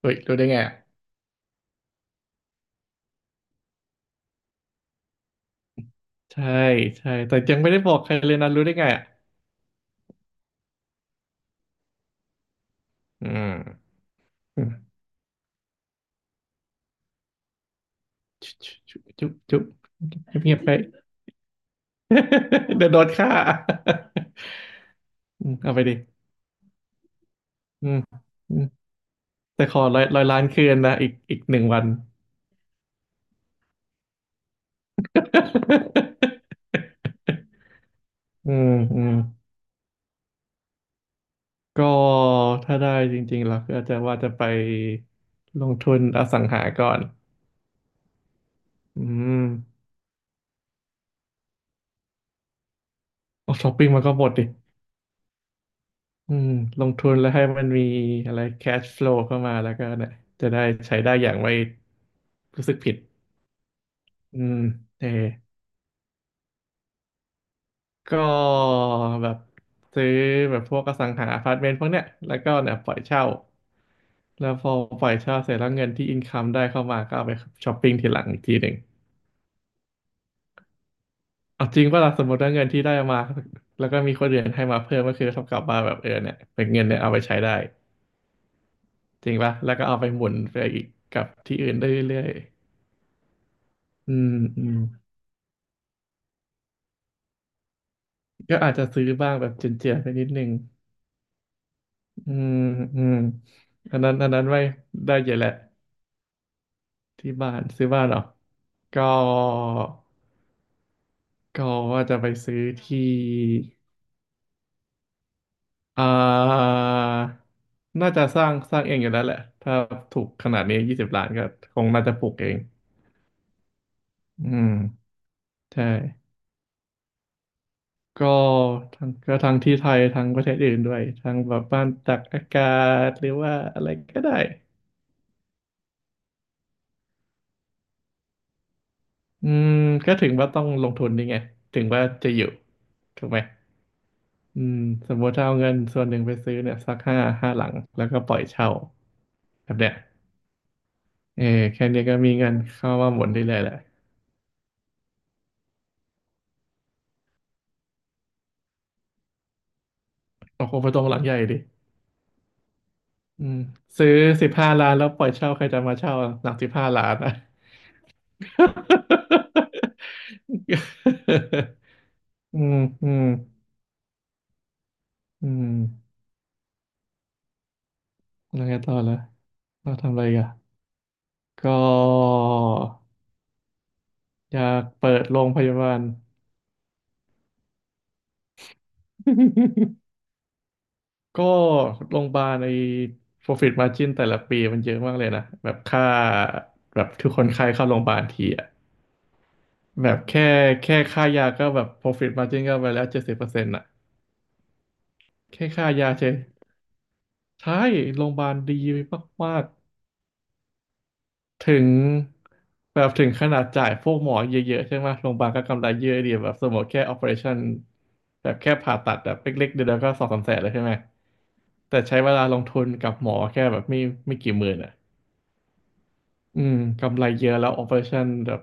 เฮ้ยรู้ได้ไงอ่ะใช่ใช่แต่ยังไม่ได้บอกใครเลยนะรู้ได้ไงอ่ะอืมอืมจุ๊บจุ๊บจุ๊บจุ๊บเงียบๆไป เดี๋ยวโดนฆ่า อืมเอาไปดิอืมอืมแต่ขอร้อยล้านคืนนะอีกหนึ่งวัน อืมอืมก็ถ้าได้จริงๆเราก็อาจจะว่าจะไปลงทุนอสังหาก่อนอืมเอาช้อปปิ้งมาก็หมดดิ อืมลงทุนแล้วให้มันมีอะไร cash flow เข้ามาแล้วก็เนี่ยจะได้ใช้ได้อย่างไม่รู้สึกผิดอืมเออก็แบบซื้อแบบพวกอสังหาอพาร์ตเมนต์พวกเนี้ยแล้วก็เนี่ยปล่อยเช่าแล้วพอปล่อยเช่าเสร็จแล้วเงินที่อินคัมได้เข้ามาก็เอาไปช้อปปิ้งทีหลังอีกทีหนึ่งเอาจริงว่าสมมติว่าเงินที่ได้มาแล้วก็มีคนอื่นให้มาเพิ่มก็คือเท่ากับว่าแบบเออเนี่ยเป็นเงินเนี่ยเอาไปใช้ได้จริงปะแล้วก็เอาไปหมุนไปอีกกับที่อื่นได้เรื่อยๆอืมอืม ก็อาจจะซื้อบ้างแบบเจียนๆไปนิดนึงอืมอืมอันนั้นไว้ได้เยอะแหละที่บ้านซื้อบ้านเหรอก็ก็ว่าจะไปซื้อที่อ่าน่าจะสร้างเองอยู่แล้วแหละถ้าถูกขนาดนี้20 ล้านก็คงน่าจะปลูกเองอืมใช่ก็ทั้งก็ทั้งที่ไทยทั้งประเทศอื่นด้วยทั้งแบบบ้านตากอากาศหรือว่าอะไรก็ได้ อืมก็ถึงว่าต้องลงทุนนี่ไงถึงว่าจะอยู่ถูกไหมอืมสมมติถ้าเอาเงินส่วนหนึ่งไปซื้อเนี่ยสักห้าหลังแล้วก็ปล่อยเช่าแบบเนี้ยเออแค่นี้ก็มีเงินเข้ามาหมุนได้เลยแหละโอ้โหไปตรงหลังใหญ่ดิอืมซื้อสิบห้าล้านแล้วปล่อยเช่าใครจะมาเช่าหลังสิบห้าล้านอ่ะ อืมอืมอืมแล้วไงต่อละเราทำอะไรกันก็อยากเปิดโรงพยาบาล ก็โรงพยาบาลใน profit margin แต่ละปีมันเยอะมากเลยนะแบบค่าแบบทุกคนไข้เข้าโรงพยาบาลทีอะแบบแค่แค่ค่ายาก็แบบ profit margin ก็ไปแล้ว70%อะแค่ค่ายาเฉยใช่โรงพยาบาลดีมากๆถึงแบบถึงขนาดจ่ายพวกหมอเยอะๆใช่ไหมโรงพยาบาลก็กำไรเยอะดีแบบสมมติแค่ operation แบบแค่ผ่าตัดแบบเล็กๆเดียวก็สองสามแสนแล้วใช่ไหมแต่ใช้เวลาลงทุนกับหมอแค่แบบไม่กี่หมื่นอะ อืมกำไรเยอะแล้วออ p e r a t i o n แบบ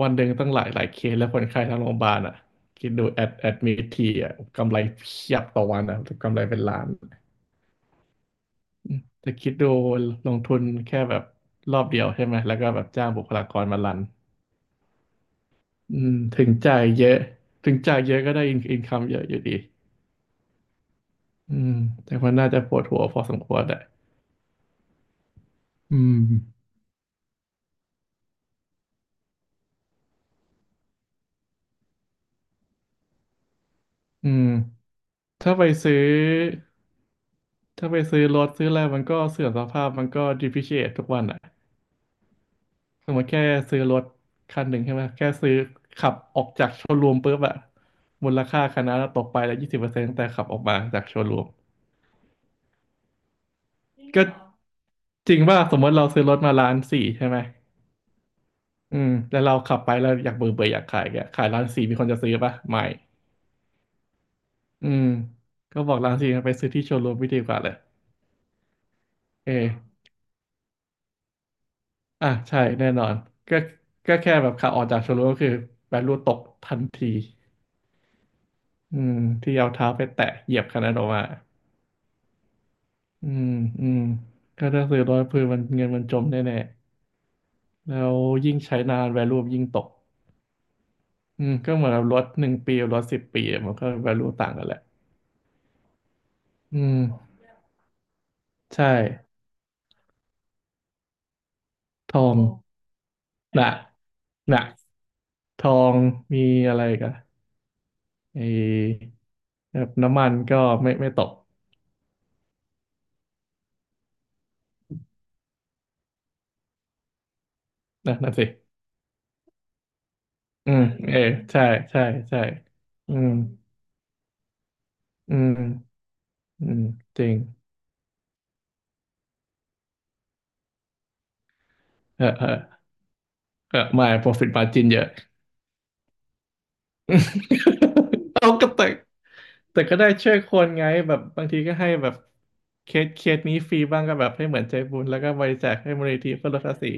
วันหนึ่งตั้งหลายหลายเคสแล้วคนไข้ทั้งโรงพยาบาลอ่ะคิดดูแอดมิททีอ่ะกำไรเพียบต่อวันอ่ะกำไรเป็นล้านแต่คิดดูลงทุนแค่แบบรอบเดียวใช่ไหมแล้วก็แบบจ้างบุคลากรมารันอืมถึงจ่ายเยอะถึงจ่ายเยอะก็ได้อินคัมเยอะอยู่ดีอืมแต่ว่าน่าจะปวดหัวพอสมควรแหละอืม อืมถ้าไปซื้อถ้าไปซื้อรถซื้ออะไรมันก็เสื่อมสภาพมันก็ depreciate ทุกวันอ่ะสมมติแค่ซื้อรถคันหนึ่งใช่ไหมแค่ซื้อขับออกจากโชว์รูมปุ๊บอะมูลค่าคันนั้นตกไปแล้ว20%ตั้งแต่ขับออกมาจากโชว์รูมก็จริงว่าสมมติเราซื้อรถมาล้านสี่ใช่ไหมอืมแล้วเราขับไปแล้วอยากเบื่อเบื่ออยากขายแกขายล้านสี่มีคนจะซื้อปะไม่อืมก็บอกล้านสี่ไปซื้อที่โชว์รูมไม่ดีกว่าเลยเออ อ่ะใช่แน่นอนก็ก็แค่แบบขาออกจากโชว์รูมก็คือแบนรูตกทันทีอืมที่เอาเท้าไปแตะเหยียบคันนั้นออกมาอืมอืมก็ถ้าซื้อรถคือมันเงินมันจมแน่ๆแล้วยิ่งใช้นาน value ยิ่งตกอืมก็เหมือนกับรถหนึ่งปีกับรถ10 ปีอะมันก็ value ต่างกันแหละอืมใช่ทองหนักหนักทองมีอะไรอีกันไอแบบน้ำมันก็ไม่ตกนะนั่นสิ อืมเออใช่ใช่ใช่อืมอืมอืมจริงเออเออเออไม่ profit margin เยอะ เอาก็แต่แต่ก็ได้ช่วยคนไงแบบบางทีก็ให้แบบเคสเคสนี้ฟรีบ้างก็แบบให้เหมือนใจบุญแล้วก็บริจาคให้มูลนิธิเพื่อลดภาษี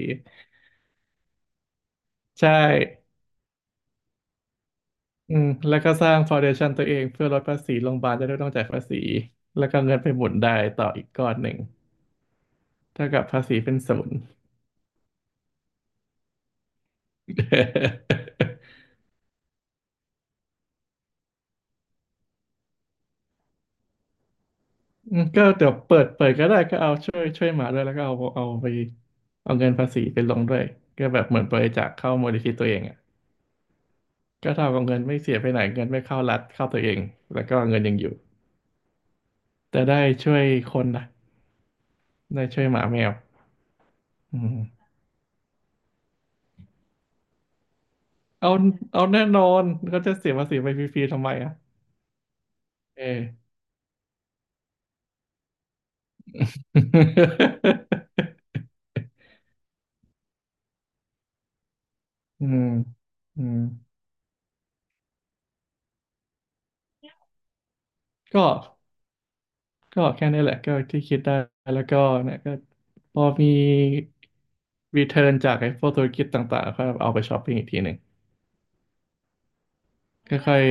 ใช่อืมแล้วก็สร้างฟ u n เดชั o นตัวเองเพื่อลดภาษีโรงพยาบาลจะได้ไม่ต้องจ่ายภาษีแล้วก็เงินไปหมุนได้ต่ออีกก้อนหนึ่งเท่ากับภาษีเป็นศูนย์ อืมก็เดี๋ยวเปิดก็ได้ก็เอาช่วยหมาด้วยแล้วก็เอาไปเอาเงินภาษีไปลงด้วยก็แบบเหมือนบริจาคเข้ามูลนิธิตัวเองอ่ะก็เท่ากับเงินไม่เสียไปไหนเงินไม่เข้ารัฐเข้าตัวเองแล้วก็เงินยังอยู่แต่ได้ช่วยคนนะได้ช่วยหมาแมวอืมเอาแน่นอนเขาจะเสียภาษีไปฟรีๆทำไมอ่ะเออ อืมอืมก็ ก็แค่นี้แหละก็ที่คิดได้แล้วก็เนี่ยก็พอมีรีเทิร์นจากไอ้พวกธุรกิจต่างๆก็เอาไปช้อปปิ้งอีกทีหนึ่งค่อย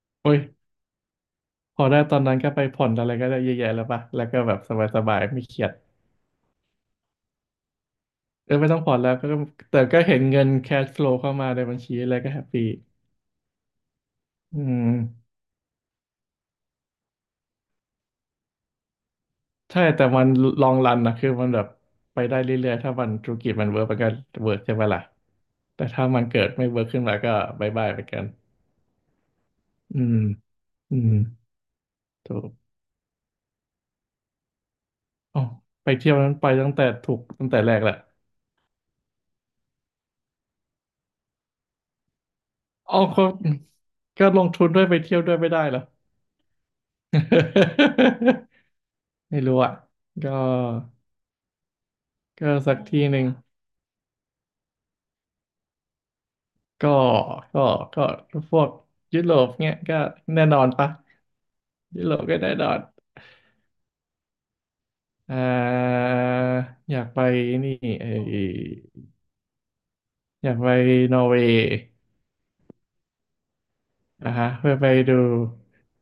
ๆโอ้ยพอได้ตอนนั้นก็ไปผ่อนอะไรก็ได้เยอะแยะแล้วป่ะแล้วก็แบบสบายๆไม่เครียดเออไม่ต้องผ่อนแล้วก็แต่ก็เห็นเงินแคชฟลูเข้ามาในบัญชีอะไรก็แฮปปี้อืมใช่แต่มันลองรันนะคือมันแบบไปได้เรื่อยๆถ้ามันธุรกิจมันเวิร์กมันก็เวิร์กใช่ไหมล่ะแต่ถ้ามันเกิดไม่เวิร์กขึ้นมาก็บายบายไปกันอืมอืม ถูกอ๋อไปเที่ยวนั้นไปตั้งแต่ถูกตั้งแต่แรกแหละอ๋อก็ลงทุนด้วยไปเที่ยวด้วยไม่ได้เหรอ ไม่รู้อ่ะก็ก็สักทีหนึ่งก็ก็ก็พวกยุโรปเนี้ยก็แน่นอนปะยุโรปก็แน่นอนอ่าอยากไปนี่เอออยากไปนอร์เวย์นะฮะเพื่อไปดู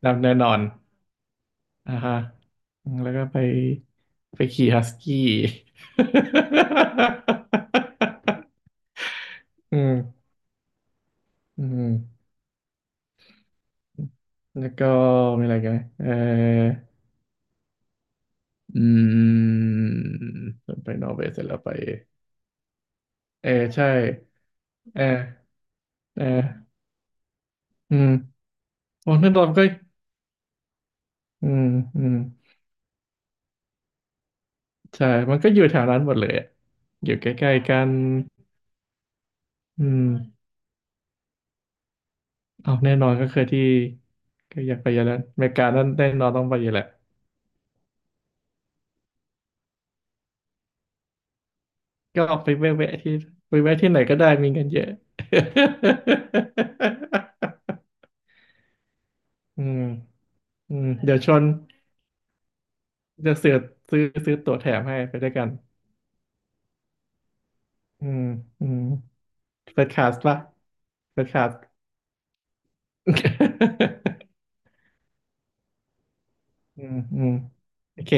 ดำแน่นอน อ่าฮะอืมแล้วก็ไปไปขี่ฮัสกี้ อืมอืมแล้วก็มีอะไรกันไหมเอออืมไปนอร์เวย์เสร็จแล้วไปเออใช่เออเอออืมโอ้นั่นตอนก็อืมอืมใช่มันก็อยู่แถวนั้นหมดเลยอะอยู่ใกล้ๆกันอืมเอาแน่นอนก็คือที่ก็อยากไปอยู่แล้วอเมริกานั่นแน่นอนต้องไปอยู่แหละ ก็ไปแวะๆที่ไปแวะที่ไหนก็ได้มีเงินเยอะ อืมอืมเดี๋ยวชวนจะเสือกซื้อตั๋วแถมให้ไปด้วยกันอืมอืมเปิดคลาสป่ะเปิดคลาส อืม อืมโอเค